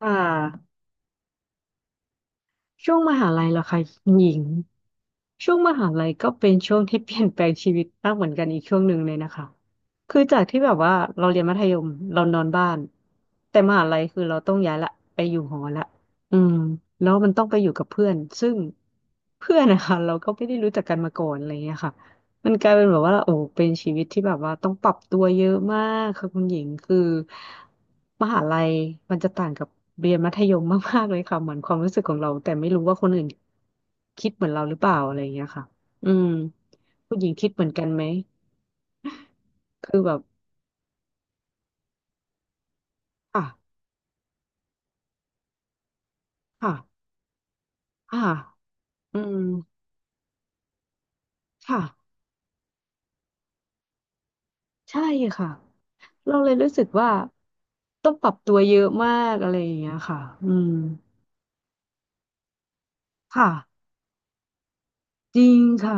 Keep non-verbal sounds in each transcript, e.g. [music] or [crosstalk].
อ่าช่วงมหาลัยเหรอคะหญิงช่วงมหาลัยก็เป็นช่วงที่เปลี่ยนแปลงชีวิตมากเหมือนกันอีกช่วงหนึ่งเลยนะคะคือจากที่แบบว่าเราเรียนมัธยมเรานอนบ้านแต่มหาลัยคือเราต้องย้ายละไปอยู่หอละอืมแล้วมันต้องไปอยู่กับเพื่อนซึ่งเพื่อนนะคะเราก็ไม่ได้รู้จักกันมาก่อนอะไรเงี้ยค่ะ มันกลายเป็นแบบว่าโอ้เป็นชีวิตที่แบบว่าต้องปรับตัวเยอะมากค่ะคุณหญิงคือมหาลัยมันจะต่างกับเรียนมัธยมมากๆเลยค่ะเหมือนความรู้สึกของเราแต่ไม่รู้ว่าคนอื่นคิดเหมือนเราหรือเปล่าอะไรอย่างเงี้ยค่ะอืมคุณหญิงคิดเหมือนกันไหมคือแบบอ่ะค่ะอ่ะอืมค่ะใช่ค่ะเราเลยรู้สึกว่าต้องปรับตัวเยอะมากอะไรอย่างเงี้ยค่ะอืมค่ะจริงค่ะ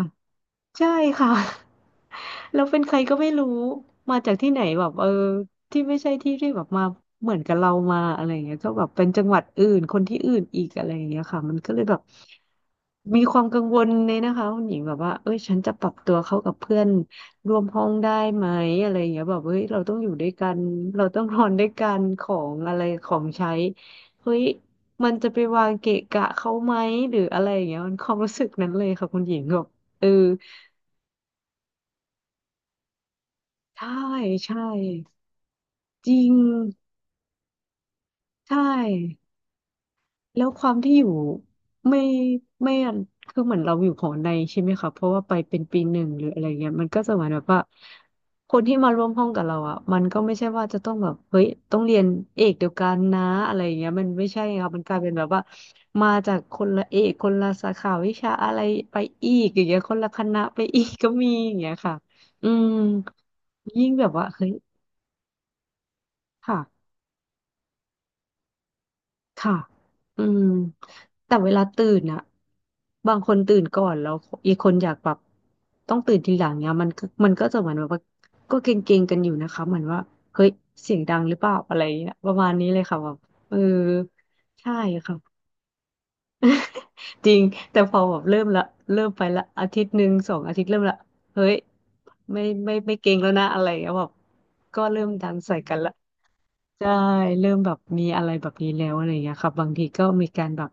ใช่ค่ะ [laughs] แล้วเป็นใครก็ไม่รู้มาจากที่ไหนแบบเออที่ไม่ใช่ที่ที่แบบมาเหมือนกับเรามาอะไรอย่างเงี้ยก็แบบเป็นจังหวัดอื่นคนที่อื่นอีกอะไรอย่างเงี้ยค่ะมันก็เลยแบบมีความกังวลเลยนะคะคุณหญิงแบบว่าเอ้ยฉันจะปรับตัวเข้ากับเพื่อนร่วมห้องได้ไหมอะไรอย่างเงี้ยแบบเฮ้ยเราต้องอยู่ด้วยกันเราต้องนอนด้วยกันของอะไรของใช้เฮ้ยมันจะไปวางเกะกะเขาไหมหรืออะไรอย่างเงี้ยมันความรู้สึกนั้นเลยค่ะคุณหญิงแบบเออ ใช่ใช่จริงใช่แล้วความที่อยู่ไม่ไม่คือเหมือนเราอยู่หอในใช่ไหมคะเพราะว่าไปเป็นปีหนึ่งหรืออะไรเงี้ยมันก็จะเหมือนแบบว่าคนที่มาร่วมห้องกับเราอ่ะมันก็ไม่ใช่ว่าจะต้องแบบเฮ้ยต้องเรียนเอกเดียวกันนะอะไรเงี้ยมันไม่ใช่ครับมันกลายเป็นแบบว่ามาจากคนละเอกคนละสาขาวิชาอะไรไปอีกอย่างเงี้ยคนละคณะไปอีกก็มีอย่างเงี้ยค่ะอืมยิ่งแบบว่าเฮ้ยค่ะ ค่ะอืมแต่เวลาตื่นอะบางคนตื่นก่อนแล้วอีกคนอยากแบบต้องตื่นทีหลังเนี่ยมันก็จะเหมือนแบบว่าก็เกรงๆกันอยู่นะคะเหมือนว่าเฮ้ยเสียงดังหรือเปล่าอะไรอย่างเงี้ยประมาณนี้เลยค่ะแบบเออใช่ค่ะจริงแต่พอแบบเริ่มละเริ่มไปละอาทิตย์หนึ่งสองอาทิตย์เริ่มละเฮ้ยไม่เกงแล้วนะอะไรอย่างเงี้ยแบบก็เริ่มดังใส่กันละ ใช่เริ่มแบบมีอะไรแบบนี้แล้วอะไรอย่างเงี้ยครับบางทีก็มีการแบบ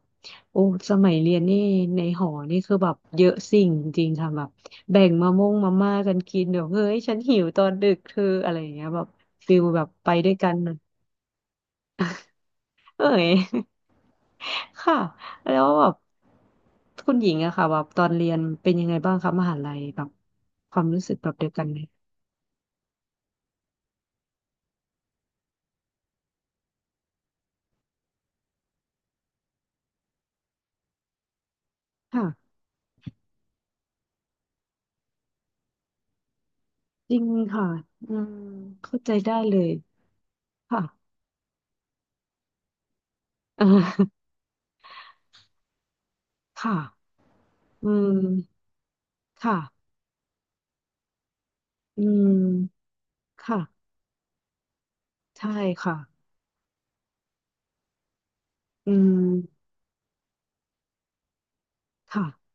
โอ้สมัยเรียนนี่ในหอนี่คือแบบเยอะสิ่งจริงๆค่ะแบบแบ่งมะม่วงมาม่ากันกินเดี๋ยวเฮ้ยฉันหิวตอนดึกเธออะไรอย่างเงี้ยแบบฟิลแบบไปด้วยกันนะเอ้ย [laughs] ค่ะแล้วแบบคุณหญิงอะค่ะแบบตอนเรียนเป็นยังไงบ้างคะมหาลัยแบบความรู้สึกแบบเดียวกันไหมค่ะจริงค่ะอืมเข้าใจได้เลยค่ะ [laughs] ค่ะอืม ค่ะอืมค่ะใช่ค่ะอืมค่ะ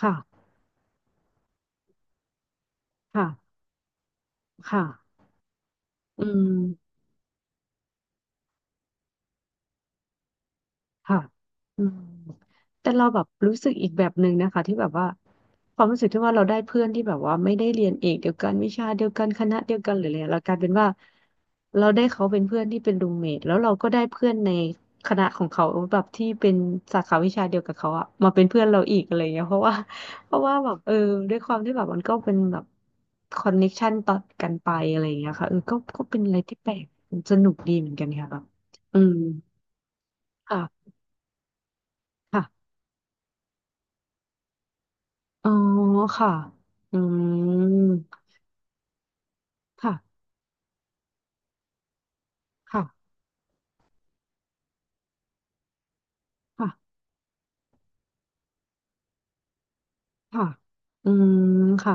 ค่ะ ค่ะค่ะอืม ค่ะอืมแต่เราแบบรู้สึกอีกแบบหนึ่งนะคะที่แบบว่าความรู้สึกที่ว่าเราได้เพื่อนที่แบบว่าไม่ได้เรียนเอกเดียวกันวิชาเดียวกันคณะเดียวกันหรืออะไรเรากลายเป็นว่าเราได้เขาเป็นเพื่อนที่เป็นรูมเมทแล้วเราก็ได้เพื่อนในคณะของเขาแบบที่เป็นสาขาวิชาเดียวกับเขาอะมาเป็นเพื่อนเราอีกอะไรเงี้ยเพราะว่าแบบเออด้วยความที่แบบมันก็เป็นแบบคอนเน็กชันต่อกันไปอะไรเงี้ยค่ะเออก็ก็เป็นอะไรที่แปลกสนุกดีเหมือนกันค่ะแบบอืมค่ะ อ๋อค่ะอืมค่ะค่ะค่ะค่ะอืมค่ะ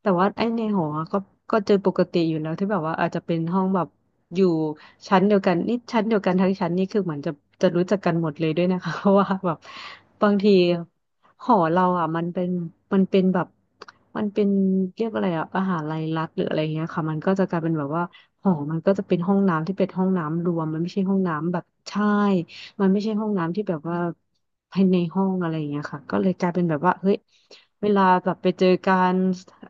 แต่ว่าไอ้ในหอก็ก็เจอปกติอยู่แล้วที่แบบว่าอาจจะเป็นห้องแบบอยู่ชั้นเดียวกันนี่ชั้นเดียวกันทั้งชั้นนี่คือเหมือนจะจะรู้จักกันหมดเลยด้วยนะคะ [laughs] เพราะว่าแบบบางทีหอเราอ่ะมันเป็นแบบมันเป็นเรียกอะไรอ่ะมหาลัยรัฐหรืออะไรเงี้ยค่ะมันก็จะกลายเป็นแบบว่าหอมันก็จะเป็นห้องน้ำที่เป็นห้องน้ำรวมมันไม่ใช่ห้องน้ำแบบใช่ มันไม่ใช่ห้องน้ำที่แบบว่าภายในห้องอะไรอย่างเงี้ยค่ะก็เลยกลายเป็นแบบว่าเฮ้ยเวลาแบบไปเจอการ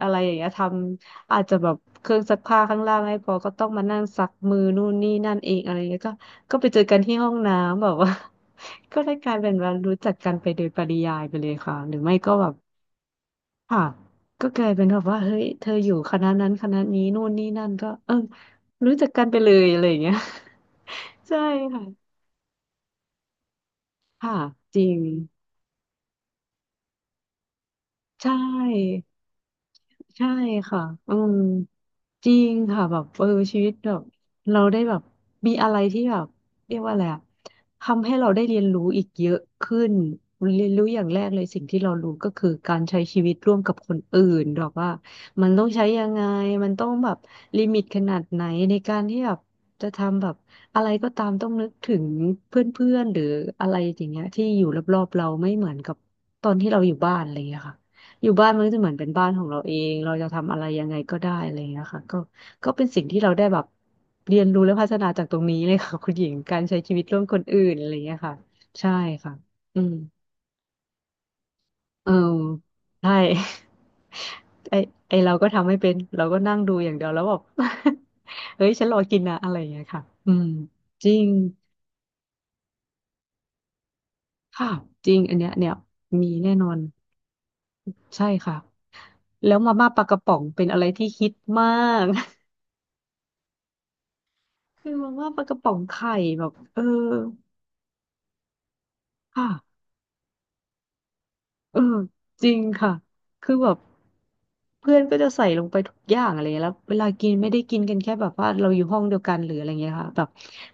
อะไรอย่างเงี้ยทำอาจจะแบบเครื่องซักผ้าข้างล่างให้พอก็ต้องมานั่งซักมือนู่นนี่นั่นเองอะไรเงี้ยก็ก็ไปเจอกันที่ห้องน้ำแบบว่า [laughs] ก็ได้กลายเป็นว่ารู้จักกันไปโดยปริยายไปเลยค่ะหรือไม่ก็แบบค่ะก็กลายเป็นแบบว่าเฮ้ยเธออยู่คณะนั้นคณะนี้นู่นนี่นั่นก็เออรู้จักกันไปเลยอะไรอย่างเงี้ย [laughs] ใช่ค่ะค่ะจริง ใช่ใช่ค่ะอืมจริงค่ะแบบเออชีวิตแบบเราได้แบบมีอะไรที่แบบเรียกว่าอะไรอะทำให้เราได้เรียนรู้อีกเยอะขึ้นเรียนรู้อย่างแรกเลยสิ่งที่เรารู้ก็คือการใช้ชีวิตร่วมกับคนอื่นแบบว่ามันต้องใช้ยังไงมันต้องแบบลิมิตขนาดไหนในการที่แบบจะทำแบบอะไรก็ตามต้องนึกถึงเพื่อนๆหรืออะไรอย่างเงี้ยที่อยู่รอบๆเราไม่เหมือนกับตอนที่เราอยู่บ้านอะไรอย่างเงี้ยค่ะ อยู่บ้านมันก็จะเหมือนเป็นบ้านของเราเองเราจะทำอะไรยังไงก็ได้อะไรอย่างเงี้ยค่ะก็ก็เป็นสิ่งที่เราได้แบบเรียนรู้และพัฒนาจากตรงนี้เลยค่ะคุณหญิงการใช้ชีวิตร่วมคนอื่นอะไรอย่างเงี้ยค่ะใช่ค่ะอืมเออใช่ [laughs] ไอไอเราก็ทำไม่เป็นเราก็นั่งดูอย่างเดียวแล้วแบบ [laughs] เฮ้ยฉันรอกินนะอะไรอย่างเงี้ยค่ะอืมจริงค่ะจริงอันเนี้ยเนี่ยมีแน่นอนใช่ค่ะแล้วมาม่าปลากระป๋องเป็นอะไรที่ฮิตมาก คือมันว่าปลากระป๋องไข่แบบเออค่ะ เออจริงค่ะคือแบบเพื่อนก็จะใส่ลงไปทุกอย่างอะไรเงี้ยแล้วเวลากินไม่ได้กินกันแค่แบบว่าเราอยู่ห้องเดียวกันหรืออะไรเงี้ยค่ะแบบ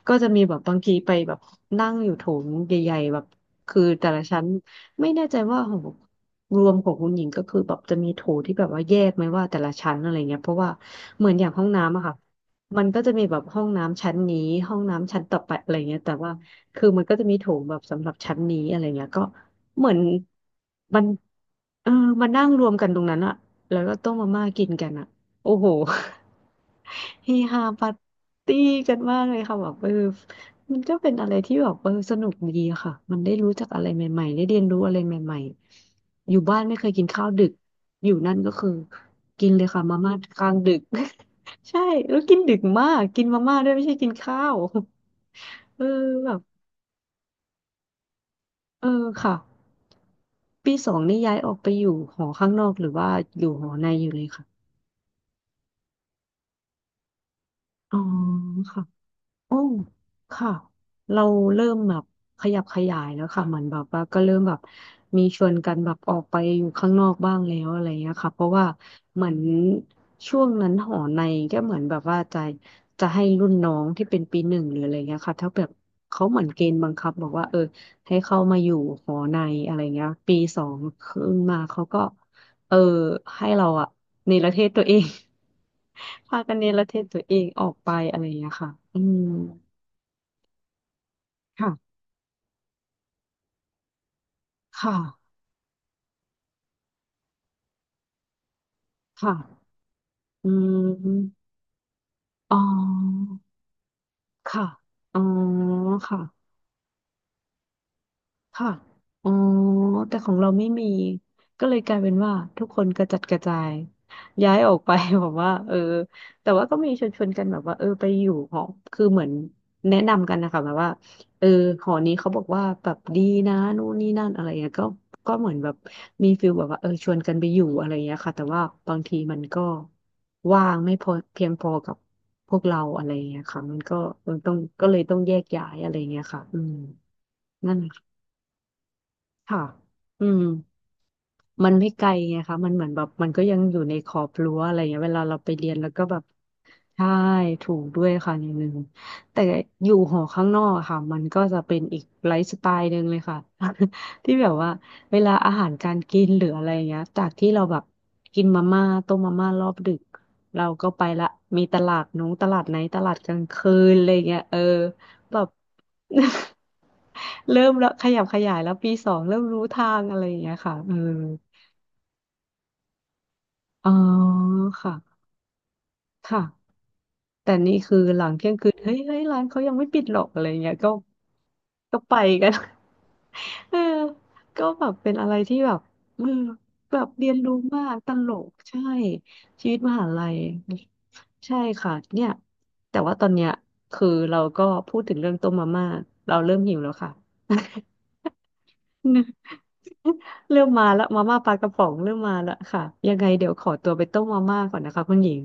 ก็จะมีแบบบางทีไปแบบนั่งอยู่โถงใหญ่ๆแบบคือแต่ละชั้นไม่แน่ใจว่าของรวมของคุณหญิงก็คือแบบจะมีโถที่แบบว่าแยกไหมว่าแต่ละชั้นอะไรเงี้ยเพราะว่าเหมือนอย่างห้องน้ำอะค่ะมันก็จะมีแบบห้องน้ำชั้นนี้ห้องน้ำชั้นต่อไปอะไรเงี้ยแต่ว่าคือมันก็จะมีโถงแบบสำหรับชั้นนี้อะไรเงี้ยก็ เหมือนมันเออมานั่งรวมกันตรงนั้นอะแล้วก็ต้มมาม่ากินกันอะโอ้โห [laughs] เฮฮาปาร์ตี้กันมากเลยค่ะแบบเออมันก็เป็นอะไรที่แบบเออสนุกดีอะค่ะมันได้รู้จักอะไรใหม่ๆได้เรียนรู้อะไรใหม่ๆอยู่บ้านไม่เคยกินข้าวดึกอยู่นั่นก็คือกินเลยค่ะมาม่ากลางดึก [laughs] ใช่แล้วกินดึกมากกินมาม่าด้วยไม่ใช่กินข้าว [laughs] เออแบบเออค่ะ ปีสองนี่ย้ายออกไปอยู่หอข้างนอกหรือว่าอยู่หอในอยู่เลยค่ะอ๋อค่ะโอ้ ค่ะเราเริ่มแบบขยับขยายแล้วค่ะเหมือนแบบว่าก็เริ่มแบบมีชวนกันแบบออกไปอยู่ข้างนอกบ้างแล้วอะไรเงี้ยค่ะเพราะว่าเหมือนช่วงนั้นหอในก็เหมือนแบบว่าจะให้รุ่นน้องที่เป็นปีหนึ่งหรืออะไรเงี้ยค่ะถ้าแบบเขาเหมือนเกณฑ์บังคับบอกว่าเออให้เข้ามาอยู่หอในอะไรเงี้ยปีสองขึ้นมาเขาก็เออให้เราอะเนรเทศตัวเอง [laughs] พากันเนรเทศตัวเองออกไปอะไรเงี้ยค่ะอืมค่ะ ค่ะค่ะอืมอ๋อค่ะอ๋อค่ะ ค่ะอ๋อแต่ของเราไม่มีก็เลยกลายเป็นว่าทุกคนกระจัดกระจายย้ายออกไป [laughs] แบบว่าเออแต่ว่าก็มีชวนกันแบบว่าเออไปอยู่หอคือเหมือนแนะนำกันนะคะแบบว่าเออหอนี้เขาบอกว่าแบบดีนะนู่นนี่นั่นอะไรเงี้ยก็ก็เหมือนแบบมีฟิลแบบว่าเออชวนกันไปอยู่อะไรเงี้ยค่ะแต่ว่าบางทีมันก็ว่างไม่พอเพียงพอกับพวกเราอะไรเงี้ยค่ะมันก็มันต้องก็เลยต้องแยกย้ายอะไรเงี้ยค่ะอืมนั่น ค่ะ อืมมันไม่ไกลไงคะมันเหมือนแบบมันก็ยังอยู่ในขอบรั้วอะไรเงี้ยเวลาเราไปเรียนแล้วก็แบบใช่ถูกด้วยค่ะอย่างหนึ่งแต่อยู่หอข้างนอกอะค่ะมันก็จะเป็นอีกไลฟ์สไตล์หนึ่งเลยค่ะ [laughs] ที่แบบว่าเวลาอาหารการกินหรืออะไรเงี้ยจากที่เราแบบกินมาม่าต้มมาม่ารอบดึกเราก็ไปละมีตลาดนู้นตลาดไหนตลาดกลางคืนอะไรเงี้ยเออแบบ [laughs] [laughs] เริ่มแล้วขยับขยายแล้วปีสองเริ่มรู้ทางอะไรอย่างเงี้ยค่ะเอออ๋อค่ะค่ะแต่นี่คือหลังเที่ยงคืนเฮ้ยร้านเขายังไม่ปิดหรอกอะไรอย่างเงี้ยก็ก็ไปกัน [laughs] เออก็แบบเป็นอะไรที่แบบเออแบบเรียนรู้มากตลกใช่ชีวิตมหาลัยใช่ค่ะเนี่ยแต่ว่าตอนเนี้ยคือเราก็พูดถึงเรื่องต้มมาม่าเราเริ่มหิวแล้วค่ะ [laughs] [laughs] เริ่มมาละมาม่าปลากระป๋องเริ่มมาละค่ะยังไงเดี๋ยวขอตัวไปต้มมาม่าก่อนนะคะคุณหญิง